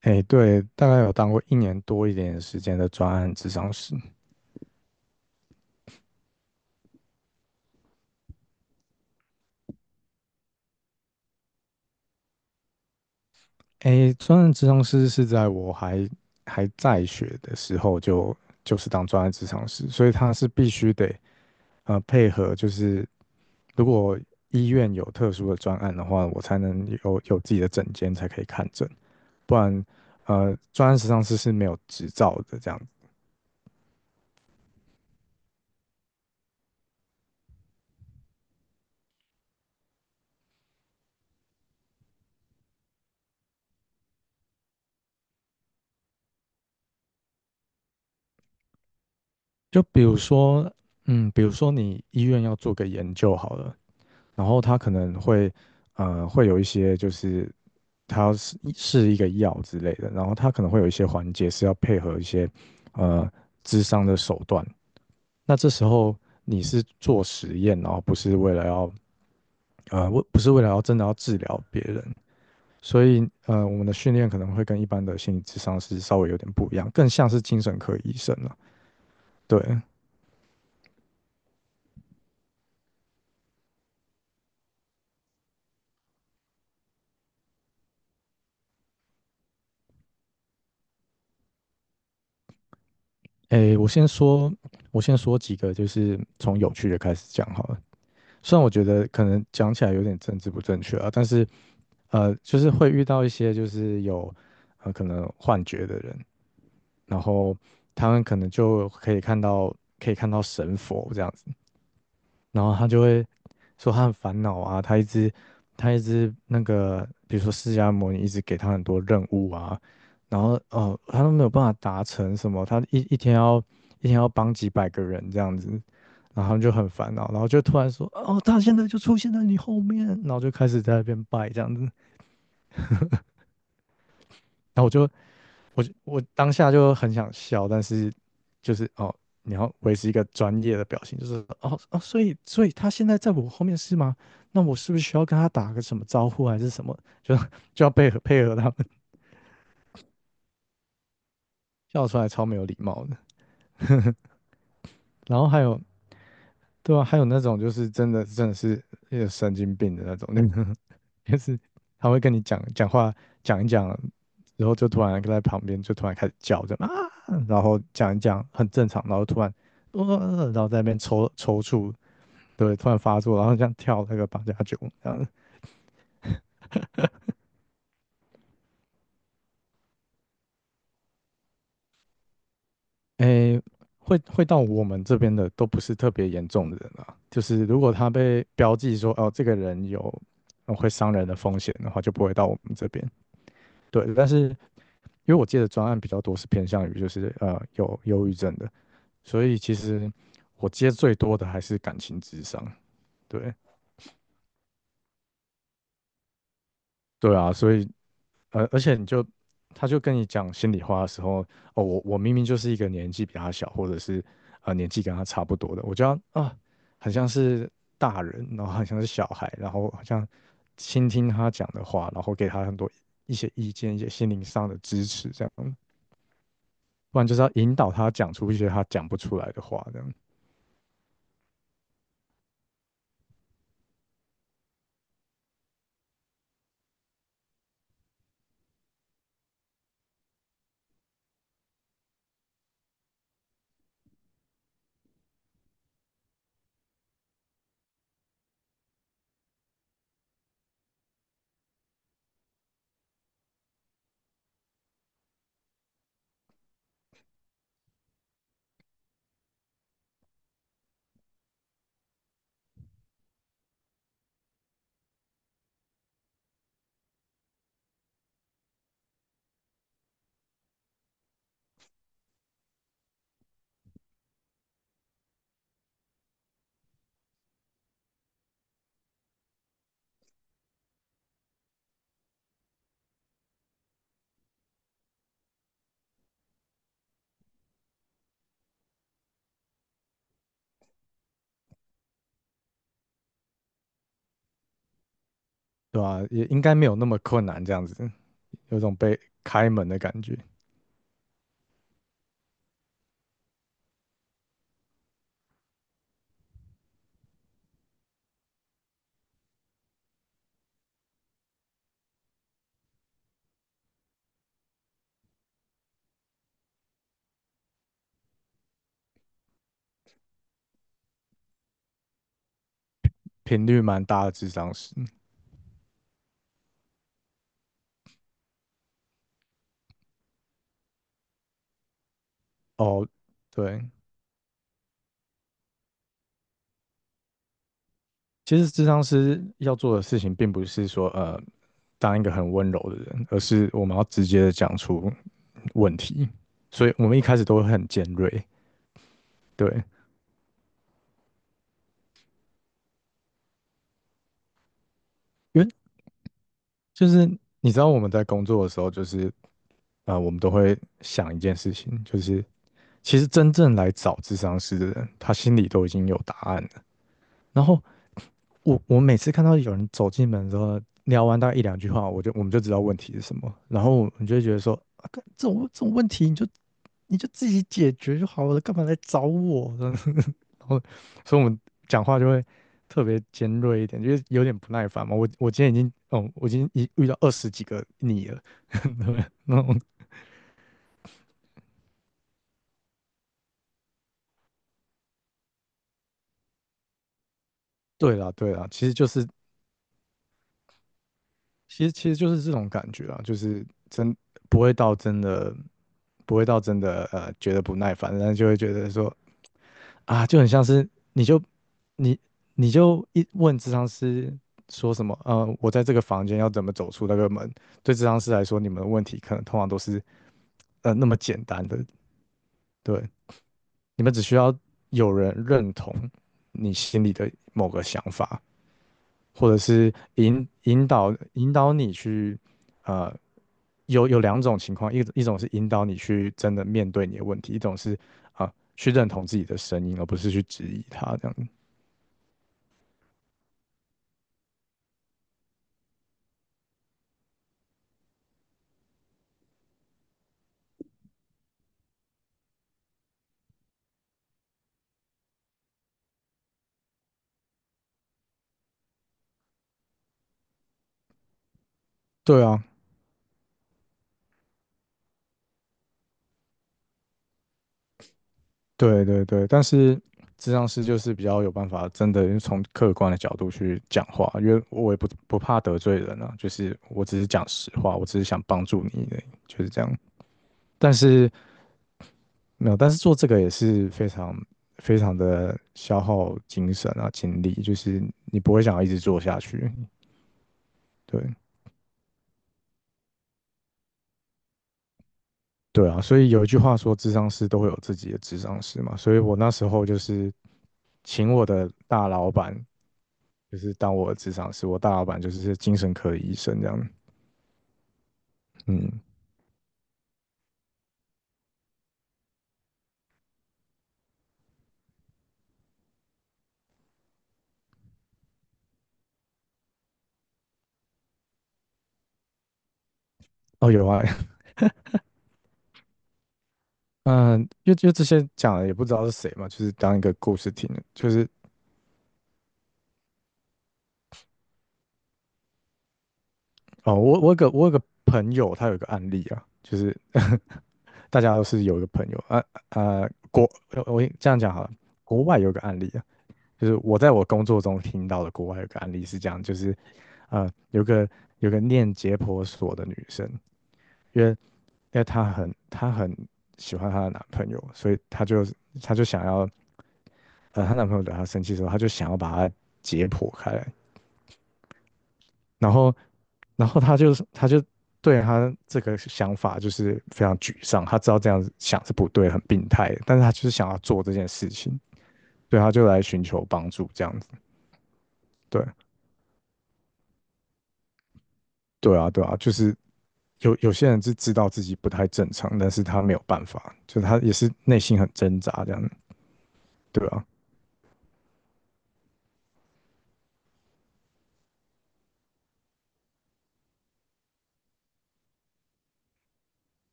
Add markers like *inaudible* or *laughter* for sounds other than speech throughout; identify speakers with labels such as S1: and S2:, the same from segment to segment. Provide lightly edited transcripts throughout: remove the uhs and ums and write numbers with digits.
S1: 哎，对，大概有当过1年多一点点时间的专案咨商师。哎，专案咨商师是在我还在学的时候就当专案咨商师，所以他是必须得配合，就是如果医院有特殊的专案的话，我才能有自己的诊间才可以看诊，不然专案咨商师是没有执照的这样子。就比如说，嗯，比如说你医院要做个研究好了，然后他可能会。呃，会有一些就是它是一个药之类的，然后它可能会有一些环节是要配合一些呃智商的手段。那这时候你是做实验，然后不是为了要不是为了要真的要治疗别人，所以我们的训练可能会跟一般的心理智商是稍微有点不一样，更像是精神科医生了。对，诶，我先说几个就是从有趣的开始讲好了。虽然我觉得可能讲起来有点政治不正确啊，但是，就是会遇到一些就是有可能幻觉的人，然后他们可能就可以可以看到神佛这样子，然后他就会说他很烦恼啊，他一直那个，比如说释迦牟尼一直给他很多任务啊，然后哦，他都没有办法达成什么，他一天要帮几百个人这样子，然后他们就很烦恼，然后就突然说哦，他现在就出现在你后面，然后就开始在那边拜这样子，然后我就我当下就很想笑，但是就是哦，你要维持一个专业的表情，就是哦哦，所以他现在在我后面是吗？那我是不是需要跟他打个什么招呼还是什么？就 *laughs* 就要配合配合他们，笑出来超没有礼貌的。*laughs* 然后还有对啊，还有那种就是真的是有神经病的那种，那个 *laughs* 就是他会跟你讲讲话讲一讲，然后就突然在旁边就突然开始叫着啊，然后讲一讲很正常，然后突然然后在那边抽搐，对，突然发作，然后这样跳那个八加九这样，诶，会到我们这边的都不是特别严重的人啊，就是如果他被标记说哦这个人有会伤人的风险的话，就不会到我们这边。对，但是因为我接的专案比较多是偏向于就是有忧郁症的，所以其实我接最多的还是感情智商。对对啊，所以，而且你就他就跟你讲心里话的时候，哦，我明明就是一个年纪比他小，或者是年纪跟他差不多的，我就要啊，很像是大人，然后很像是小孩，然后好像倾听他讲的话，然后给他很多一些意见，一些心灵上的支持，这样，不然就是要引导他讲出一些他讲不出来的话，这样。对啊，也应该没有那么困难，这样子有种被开门的感觉，频率蛮大的智商师。哦，对，其实智商师要做的事情，并不是说当一个很温柔的人，而是我们要直接的讲出问题，所以我们一开始都会很尖锐，对，因为就是你知道我们在工作的时候，就是啊，我们都会想一件事情，就是其实真正来找智商师的人，他心里都已经有答案了。然后我每次看到有人走进门之后，聊完大概一两句话，我们就知道问题是什么，然后我们就会觉得说，啊，干这种问题你就自己解决就好了，干嘛来找我？*laughs* 这样子然后，所以我们讲话就会特别尖锐一点，就是有点不耐烦嘛。我今天已经，哦，我已经一遇到20几个你了，*laughs* 对那种对啦对啦，其实就是其实就是这种感觉啊，就是真不会到真的不会到真的觉得不耐烦，但是就会觉得说啊，就很像是你就一问咨商师说什么，呃，我在这个房间要怎么走出那个门？对咨商师来说，你们的问题可能通常都是那么简单的，对，你们只需要有人认同你心里的某个想法，或者是引导你去。呃有有两种情况，一种是引导你去真的面对你的问题，一种是啊、去认同自己的声音，而不是去质疑它这样子。对啊，对对对，但是咨商师就是比较有办法，真的从客观的角度去讲话，因为我也不怕得罪人啊，就是我只是讲实话，我只是想帮助你就是这样。但是没有，但是做这个也是非常的消耗精神啊、精力，就是你不会想要一直做下去。对，对啊，所以有一句话说，智商师都会有自己的智商师嘛。所以我那时候就是请我的大老板，就是当我的智商师。我大老板就是精神科的医生这样。嗯，哦有啊，*laughs* 嗯，因为这些讲的也不知道是谁嘛，就是当一个故事听的就是哦，我有个朋友，他有个案例啊，就是 *laughs* 大家都是有一个朋友啊啊，我这样讲好了，国外有个案例，啊。就是我在我工作中听到的国外有个案例是这样，就是呃，有个念解剖所的女生，因为她很喜欢她的男朋友，所以她就想要，她男朋友惹她生气的时候，她就想要把她解剖开来，然后她她就对她这个想法就是非常沮丧，她知道这样子想是不对，很病态的，但是她就是想要做这件事情，对，她就来寻求帮助这样子，对。对啊，对啊，就是有些人是知道自己不太正常，但是他没有办法，就他也是内心很挣扎这样，对啊，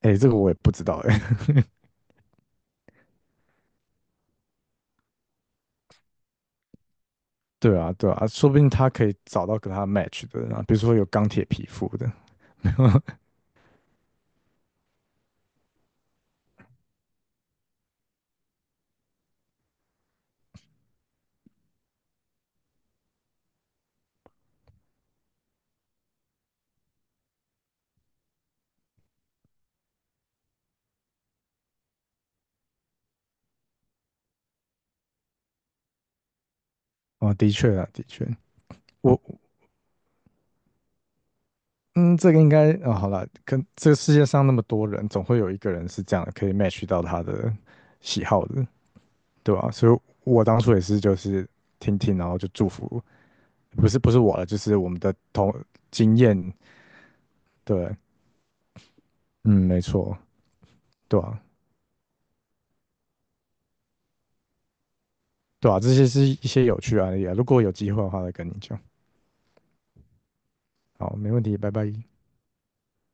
S1: 哎、这个我也不知道哎、*laughs* 对啊，对啊，说不定他可以找到跟他 match 的人啊，比如说有钢铁皮肤的，*laughs* 哦，的确啊，的确，我嗯，这个应该啊、好了，跟这个世界上那么多人，总会有一个人是这样的可以 match 到他的喜好的，对吧？所以我当初也是就是听听，然后就祝福，不是我了，就是我们的同经验。对，嗯，没错，对啊，对啊，这些是一些有趣的案例啊。如果有机会的话，再跟你讲。好，没问题，拜拜。